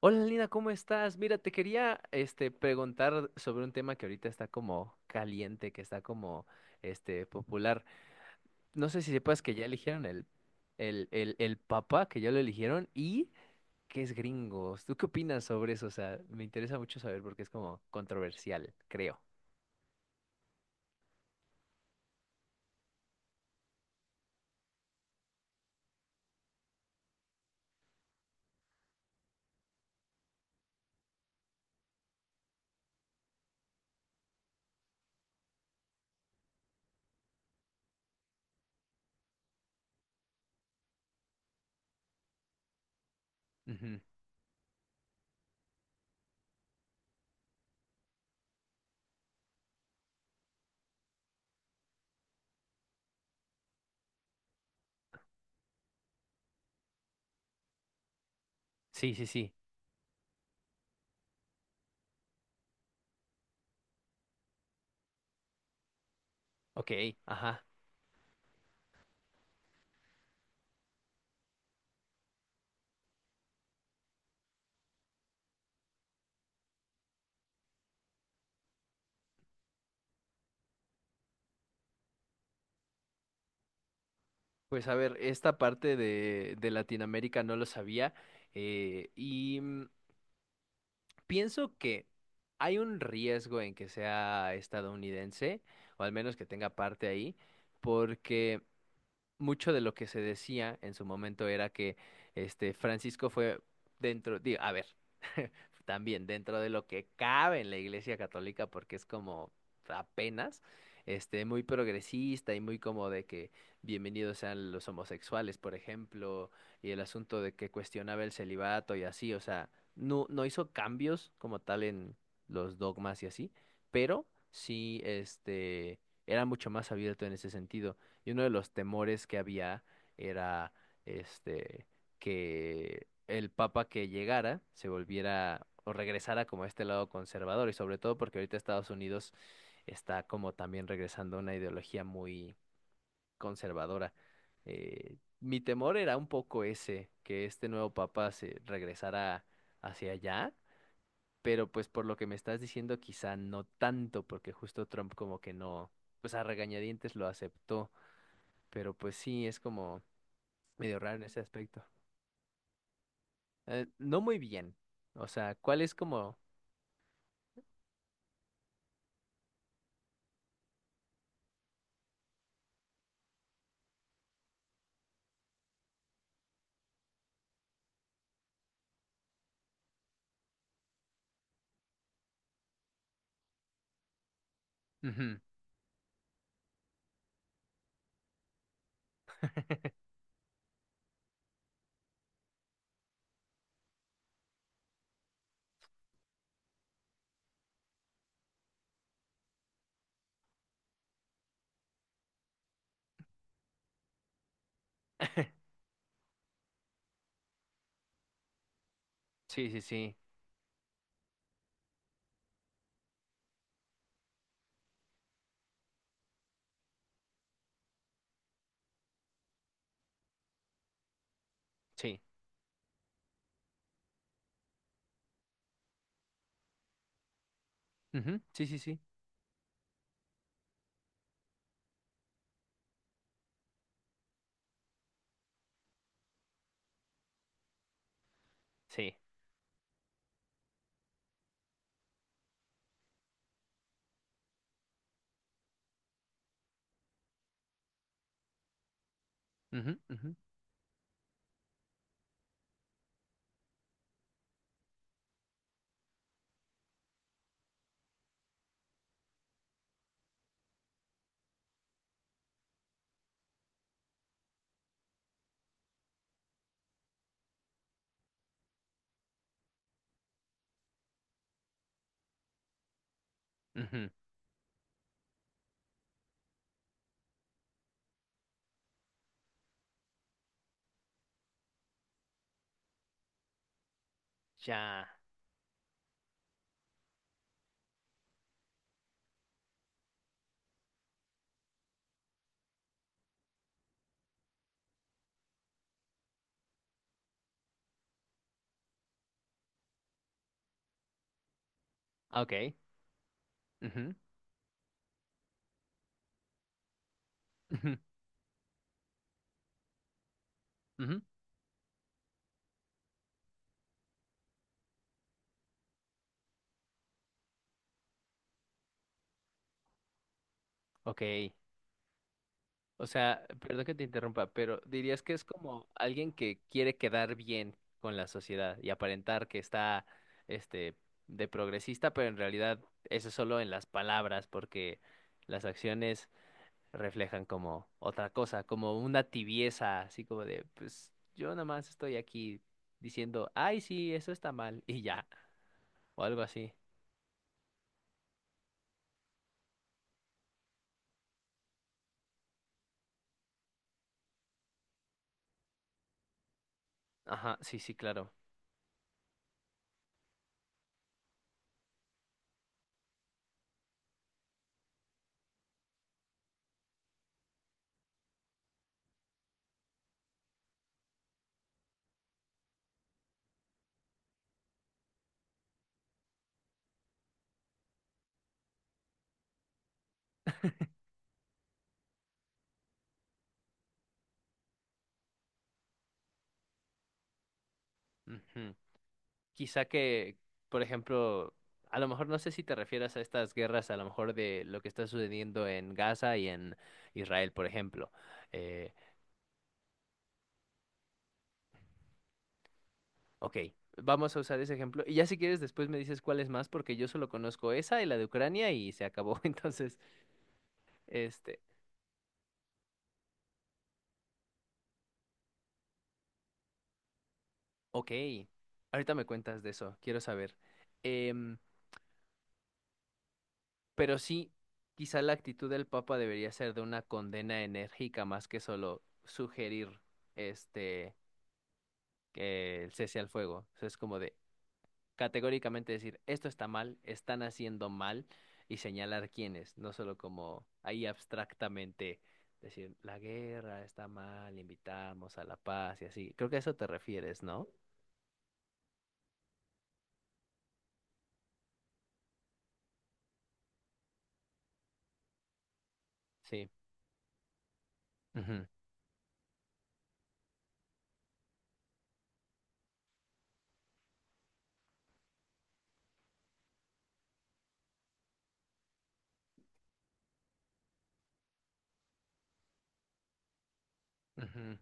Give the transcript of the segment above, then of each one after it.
Hola Lina, ¿cómo estás? Mira, te quería preguntar sobre un tema que ahorita está como caliente, que está como popular. No sé si sepas que ya eligieron el papa, que ya lo eligieron y que es gringos. ¿Tú qué opinas sobre eso? O sea, me interesa mucho saber porque es como controversial, creo. Ujú. Sí, sí, sí. Ok, ajá. Pues a ver, esta parte de Latinoamérica no lo sabía, y pienso que hay un riesgo en que sea estadounidense, o al menos que tenga parte ahí, porque mucho de lo que se decía en su momento era que Francisco fue dentro, digo, a ver, también dentro de lo que cabe en la Iglesia Católica, porque es como apenas, muy progresista y muy como de que bienvenidos sean los homosexuales, por ejemplo, y el asunto de que cuestionaba el celibato y así. O sea, no, no hizo cambios como tal en los dogmas y así, pero sí, era mucho más abierto en ese sentido. Y uno de los temores que había era este que el papa que llegara se volviera o regresara como a este lado conservador, y sobre todo porque ahorita Estados Unidos está como también regresando a una ideología muy conservadora. Mi temor era un poco ese, que este nuevo papa se regresara hacia allá, pero pues por lo que me estás diciendo quizá no tanto, porque justo Trump como que no, pues a regañadientes lo aceptó. Pero pues sí, es como medio raro en ese aspecto. No muy bien. O sea, ¿cuál es como... Ujú. Sí, sí, sí, sí. Ujú, sí, sí, sí, sí. Ujú, ujú, ujú. Ya. Ah, ok. Ujú, ujú, ujú. Ok. O sea, perdón que te interrumpa, pero dirías que es como alguien que quiere quedar bien con la sociedad y aparentar que está, este, de progresista, pero en realidad eso es solo en las palabras, porque las acciones reflejan como otra cosa, como una tibieza, así como de, pues yo nada más estoy aquí diciendo, ay, sí, eso está mal, y ya, o algo así. Ajá, sí, sí, claro. Ujú. Quizá que, por ejemplo, a lo mejor, no sé si te refieras a estas guerras, a lo mejor, de lo que está sucediendo en Gaza y en Israel, por ejemplo. Eh, ok, vamos a usar ese ejemplo. Y ya si quieres, después me dices cuál es más, porque yo solo conozco esa y la de Ucrania y se acabó. Entonces, este, ok, ahorita me cuentas de eso, quiero saber. Em, pero sí, quizá la actitud del Papa debería ser de una condena enérgica más que solo sugerir este que el cese al fuego. O sea, es como de categóricamente decir, esto está mal, están haciendo mal, y señalar quiénes, no solo como ahí abstractamente decir, la guerra está mal, invitamos a la paz y así. Creo que a eso te refieres, ¿no? Sí. Ujú, ujú.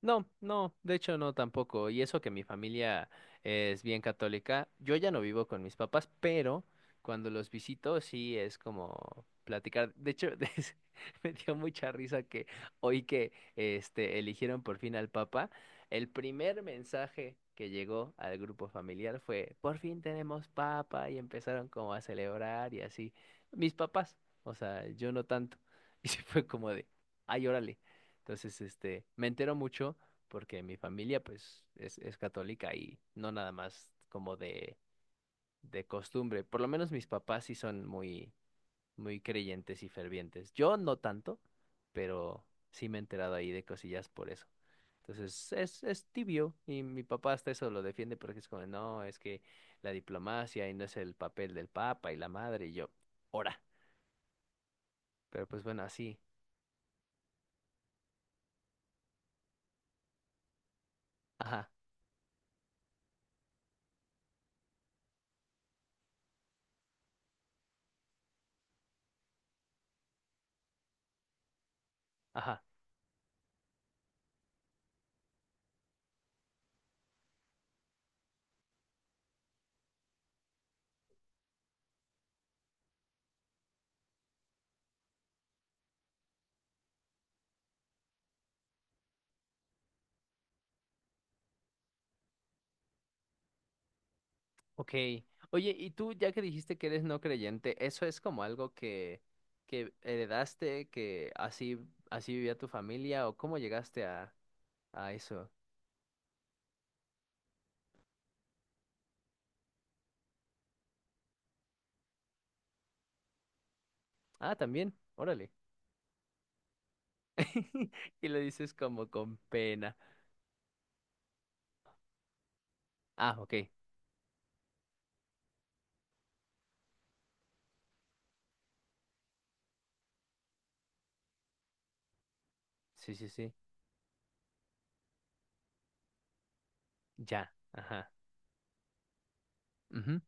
No, no, de hecho no tampoco. Y eso que mi familia es bien católica. Yo ya no vivo con mis papás, pero cuando los visito sí es como platicar. De hecho, me dio mucha risa que hoy que eligieron por fin al Papa, el primer mensaje que llegó al grupo familiar fue, por fin tenemos Papa, y empezaron como a celebrar y así. Mis papás, o sea, yo no tanto. Y se fue como de, ay, órale. Entonces, me entero mucho porque mi familia, pues, es católica, y no nada más como de costumbre. Por lo menos mis papás sí son muy, muy creyentes y fervientes. Yo no tanto, pero sí me he enterado ahí de cosillas por eso. Entonces, es tibio, y mi papá hasta eso lo defiende porque es como, no, es que la diplomacia, y no es el papel del papa y la madre, y yo, ora. Pero pues bueno, así, ajá, ajá. Ok. Oye, y tú, ya que dijiste que eres no creyente, ¿eso es como algo que heredaste, que así, así vivía tu familia, o cómo llegaste a eso? Ah, también, órale. Y lo dices como con pena. Ah, ok. Sí, sí, sí. Ya. Ajá. Ujú.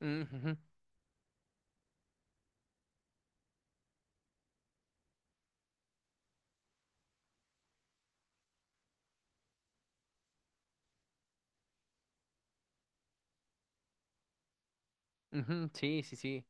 Mm, ujú. Ujú. Sí, sí, sí.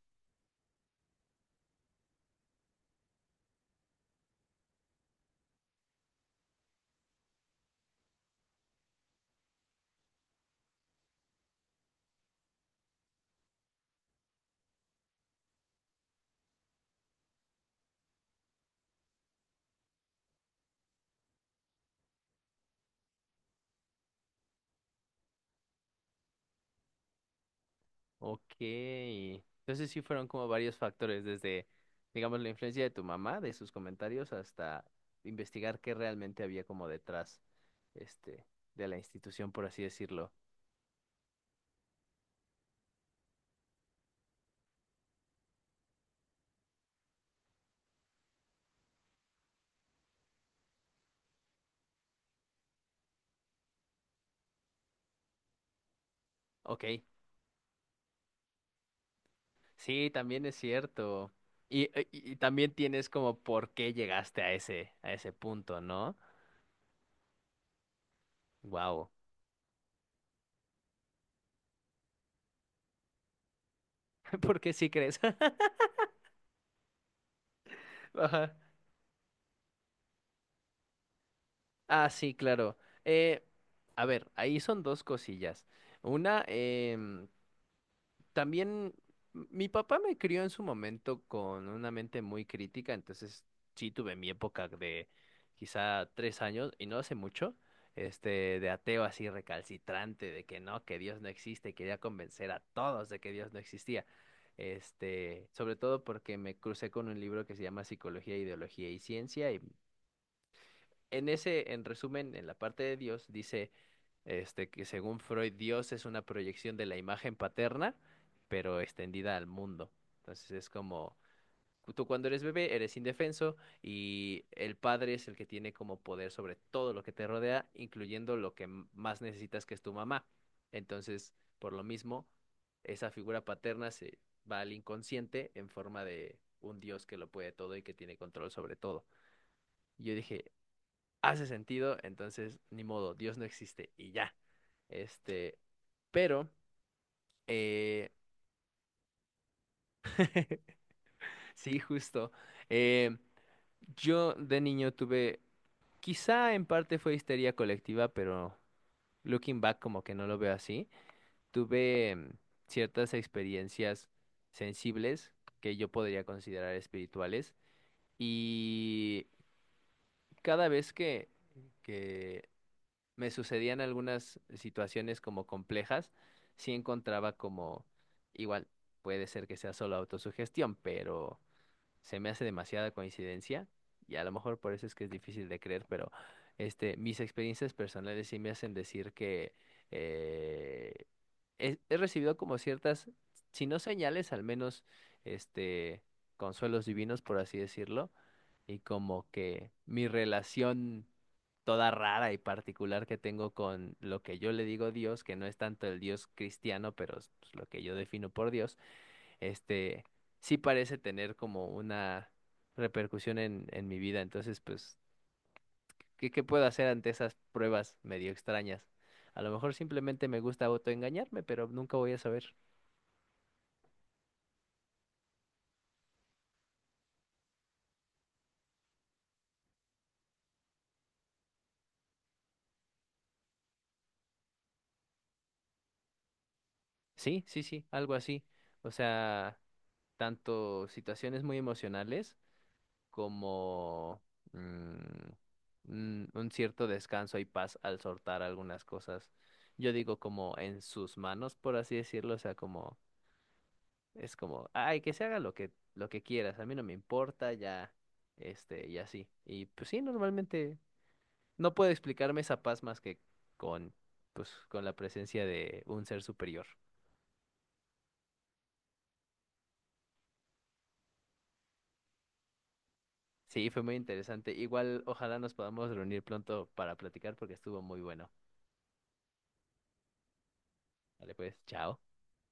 Ok. Entonces sí fueron como varios factores, desde, digamos, la influencia de tu mamá, de sus comentarios, hasta investigar qué realmente había como detrás, este, de la institución, por así decirlo. Ok, sí, también es cierto. Y también tienes como por qué llegaste a ese, punto, ¿no? Wow. ¿Por qué sí crees? Ajá. Ah, sí, claro. Eh, a ver, ahí son dos cosillas. Una, también mi papá me crió en su momento con una mente muy crítica, entonces sí tuve mi época de quizá 3 años, y no hace mucho, de ateo así recalcitrante, de que no, que Dios no existe, y quería convencer a todos de que Dios no existía. Sobre todo porque me crucé con un libro que se llama Psicología, Ideología y Ciencia, y en ese, en resumen, en la parte de Dios, dice que según Freud, Dios es una proyección de la imagen paterna, pero extendida al mundo. Entonces es como, tú cuando eres bebé eres indefenso, y el padre es el que tiene como poder sobre todo lo que te rodea, incluyendo lo que más necesitas, que es tu mamá. Entonces, por lo mismo, esa figura paterna se va al inconsciente en forma de un Dios que lo puede todo y que tiene control sobre todo. Y yo dije, hace sentido, entonces ni modo, Dios no existe y ya. Este, pero, eh, sí, justo. eh, yo de niño tuve, quizá en parte fue histeria colectiva, pero looking back como que no lo veo así. Tuve ciertas experiencias sensibles que yo podría considerar espirituales, y cada vez que me sucedían algunas situaciones como complejas, sí encontraba como, igual, puede ser que sea solo autosugestión, pero se me hace demasiada coincidencia, y a lo mejor por eso es que es difícil de creer, pero mis experiencias personales sí me hacen decir que eh, he recibido como ciertas, si no señales, al menos este, consuelos divinos, por así decirlo. Y como que mi relación toda rara y particular que tengo con lo que yo le digo Dios, que no es tanto el Dios cristiano, pero es, pues, lo que yo defino por Dios, este sí parece tener como una repercusión en mi vida. Entonces, pues, ¿qué puedo hacer ante esas pruebas medio extrañas? A lo mejor simplemente me gusta autoengañarme, pero nunca voy a saber. Sí, sí, sí, algo así. O sea, tanto situaciones muy emocionales como mm, un cierto descanso y paz al soltar algunas cosas. Yo digo como en sus manos, por así decirlo. O sea, como es como, ay, que se haga lo que quieras, a mí no me importa, ya y así. Y pues sí, normalmente no puedo explicarme esa paz más que con con la presencia de un ser superior. Sí, fue muy interesante. Igual, ojalá nos podamos reunir pronto para platicar porque estuvo muy bueno. Vale, pues, chao.